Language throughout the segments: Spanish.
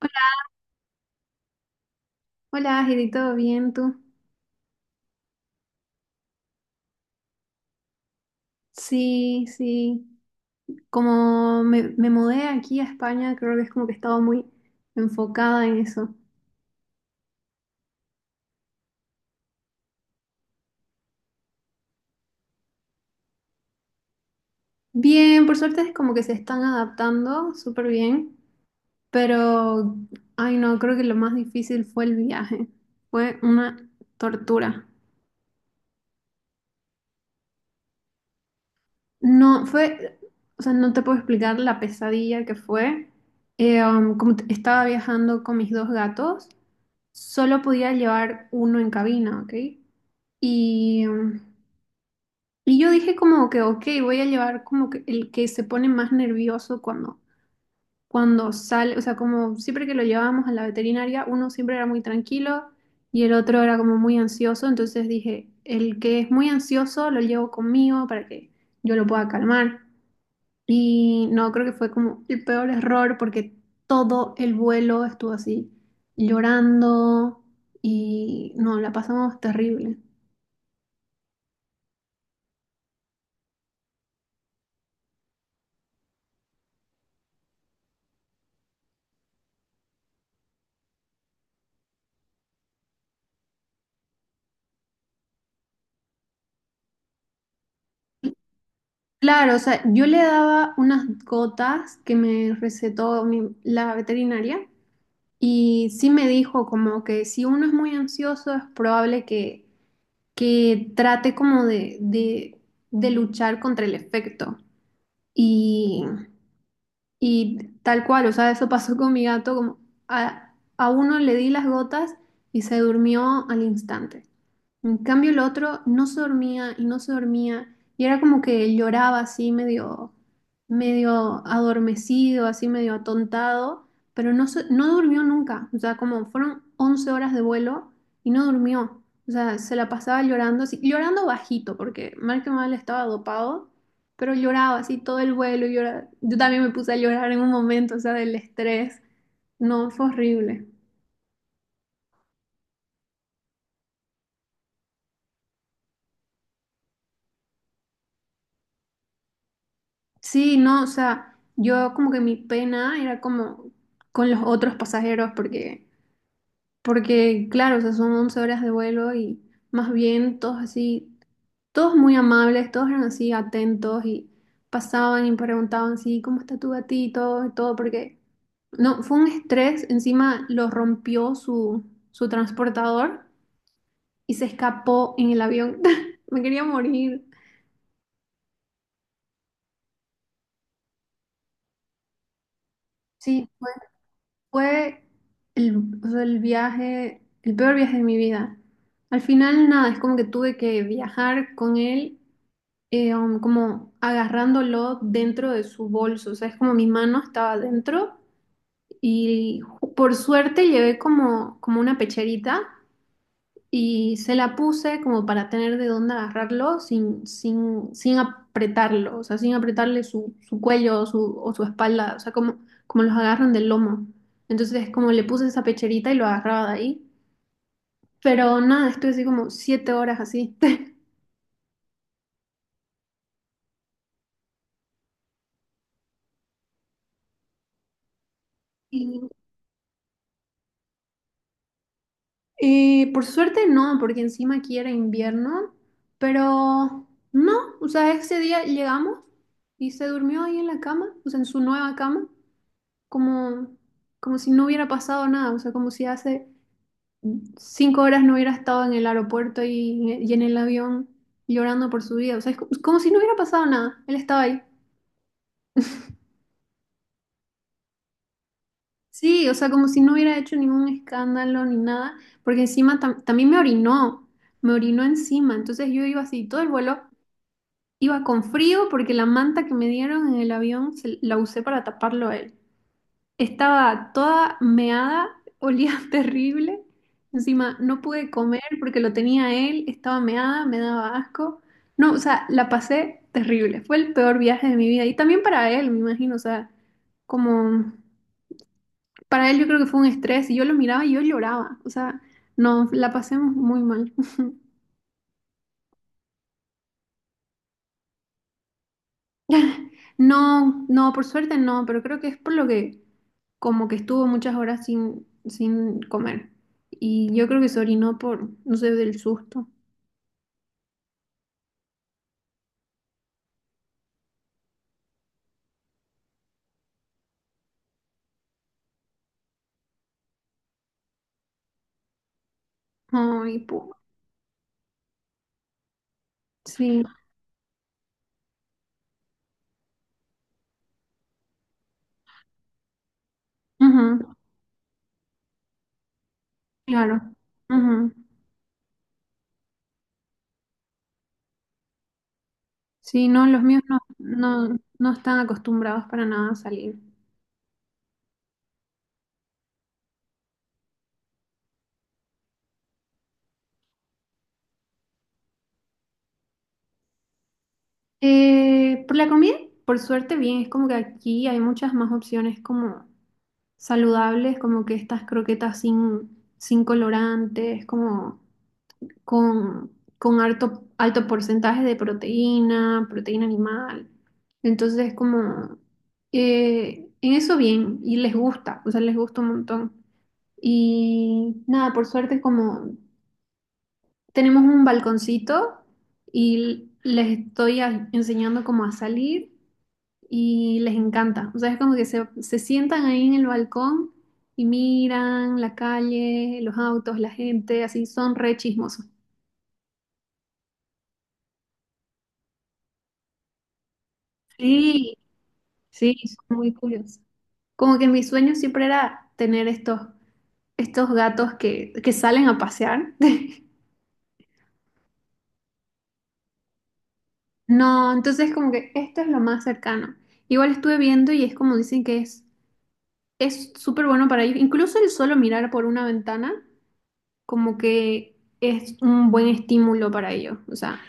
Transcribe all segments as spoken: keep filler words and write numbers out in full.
Hola, hola, Heidi, ¿todo bien tú? Sí, sí. Como me, me mudé aquí a España, creo que es como que he estado muy enfocada en eso. Bien, por suerte es como que se están adaptando súper bien, pero, ay no, creo que lo más difícil fue el viaje. Fue una tortura. No, fue, o sea, no te puedo explicar la pesadilla que fue. Eh, um, como t- estaba viajando con mis dos gatos, solo podía llevar uno en cabina, ¿ok? Y, y yo dije como que, ok, voy a llevar como que el que se pone más nervioso cuando, cuando sale, o sea, como siempre que lo llevábamos a la veterinaria, uno siempre era muy tranquilo y el otro era como muy ansioso, entonces dije, el que es muy ansioso lo llevo conmigo para que yo lo pueda calmar. Y no, creo que fue como el peor error porque todo el vuelo estuvo así, llorando y no, la pasamos terrible. Claro, o sea, yo le daba unas gotas que me recetó mi- la veterinaria y sí me dijo como que si uno es muy ansioso es probable que, que trate como de, de, de luchar contra el efecto. Y, y tal cual, o sea, eso pasó con mi gato, como a, a uno le di las gotas y se durmió al instante. En cambio, el otro no se dormía y no se dormía y era como que lloraba así medio, medio adormecido, así medio atontado, pero no, se- no durmió nunca. O sea, como fueron once horas de vuelo y no durmió. O sea, se la pasaba llorando, así, llorando bajito, porque mal que mal estaba dopado, pero lloraba así todo el vuelo. y llora- Yo también me puse a llorar en un momento, o sea, del estrés. No, fue horrible. Sí, no, o sea, yo como que mi pena era como con los otros pasajeros porque, porque, claro, o sea, son once horas de vuelo y más bien todos así, todos muy amables, todos eran así atentos y pasaban y preguntaban, sí, ¿cómo está tu gatito? Y todo, porque no, fue un estrés, encima lo rompió su, su transportador y se escapó en el avión. Me quería morir. Sí, fue el, o sea, el viaje, el peor viaje de mi vida. Al final, nada, es como que tuve que viajar con él, eh, um, como agarrándolo dentro de su bolso. O sea, es como mi mano estaba dentro y ju- por suerte llevé como, como una pecherita y se la puse como para tener de dónde agarrarlo sin, sin, sin apretarlo, o sea, sin apretarle su, su cuello o su, o su espalda, o sea, como, como, los agarran del lomo. Entonces, como le puse esa pecherita y lo agarraba de ahí. Pero nada, estuve así como siete horas así. Y, eh, por suerte no, porque encima aquí era invierno, pero no, o sea, ese día llegamos y se durmió ahí en la cama, o sea, en su nueva cama, como, como si no hubiera pasado nada, o sea, como si hace cinco horas no hubiera estado en el aeropuerto y, y en el avión llorando por su vida, o sea, es co- como si no hubiera pasado nada, él estaba ahí. Sí, o sea, como si no hubiera hecho ningún escándalo ni nada, porque encima tam- también me orinó, me orinó encima, entonces yo iba así, todo el vuelo iba con frío porque la manta que me dieron en el avión se- la usé para taparlo a él. Estaba toda meada, olía terrible. Encima no pude comer porque lo tenía él, estaba meada, me daba asco. No, o sea, la pasé terrible. Fue el peor viaje de mi vida. Y también para él, me imagino, o sea, como para él yo creo que fue un estrés y yo lo miraba y yo lloraba. O sea, no, la pasé muy mal. No, no, por suerte no, pero creo que es por lo que como que estuvo muchas horas sin, sin comer. Y yo creo que se orinó por, no sé, del susto. Ay, po- sí, ujú, claro. Ujú. Sí, no, los míos no, no, no están acostumbrados para nada a salir. Eh, por la comida, por suerte bien, es como que aquí hay muchas más opciones como saludables, como que estas croquetas sin, sin colorantes, como, con, con alto, alto porcentaje de proteína, proteína animal. Entonces es como, eh, en eso bien, y les gusta, o sea, les gusta un montón. Y nada, por suerte como tenemos un balconcito y les estoy a- enseñando cómo a salir y les encanta. O sea, es como que se, se sientan ahí en el balcón y miran la calle, los autos, la gente, así son re chismosos. Sí, sí, son muy curiosos. Como que mi sueño siempre era tener estos, estos gatos que, que salen a pasear. No, entonces como que esto es lo más cercano. Igual estuve viendo y es como dicen que es es súper bueno para ellos. Incluso el solo mirar por una ventana como que es un buen estímulo para ellos. O sea,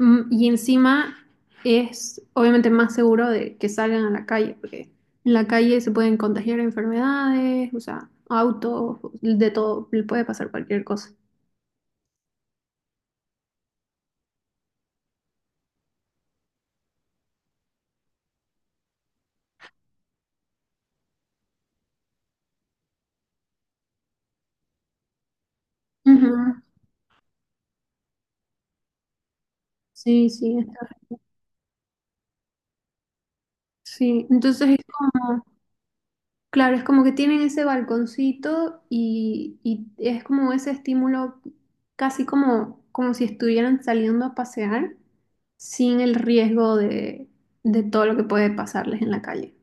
Mm, Y encima es obviamente más seguro de que salgan a la calle, porque en la calle se pueden contagiar enfermedades, o sea, autos, de todo, le puede pasar cualquier cosa. Ujú. Sí, sí, está- sí. Entonces es como, claro, es como que tienen ese balconcito y, y es como ese estímulo, casi como, como si estuvieran saliendo a pasear sin el riesgo de, de todo lo que puede pasarles en la calle.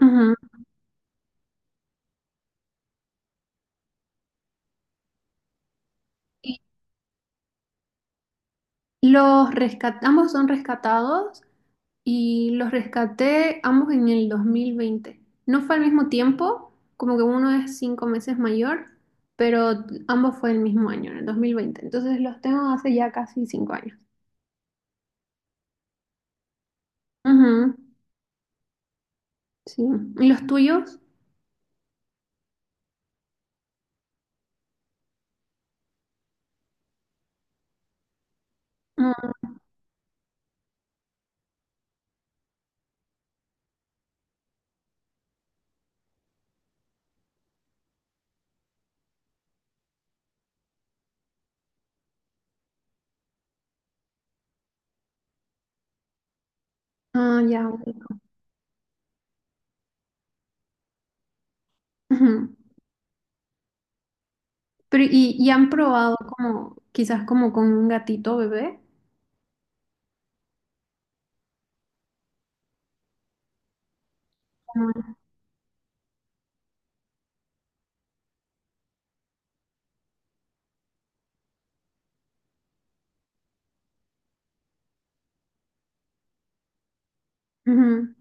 Ujú. Los rescat- ambos son rescatados y los rescaté ambos en el dos mil veinte. No fue al mismo tiempo, como que uno es cinco meses mayor, pero ambos fue el mismo año, en el dos mil veinte. Entonces los tengo hace ya casi cinco años. Ujú, sí. ¿Y los tuyos? Mm. Ah, ya. Ok. Ujú. Pero, ¿y, y han probado como, quizás como con un gatito bebé? Como- ujú.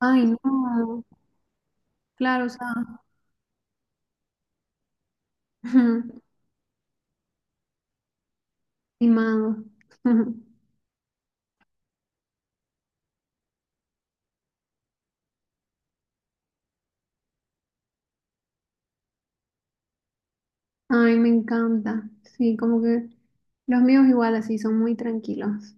Ay, no. Claro, o sea, ujú, mimado. Ay, me encanta. Sí, como que los míos igual así son muy tranquilos.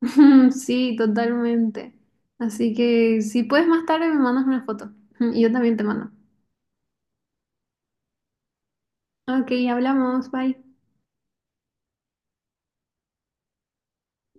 Sí, totalmente. Así que si puedes más tarde me mandas una foto. Y yo también te mando. Ok, hablamos. Bye.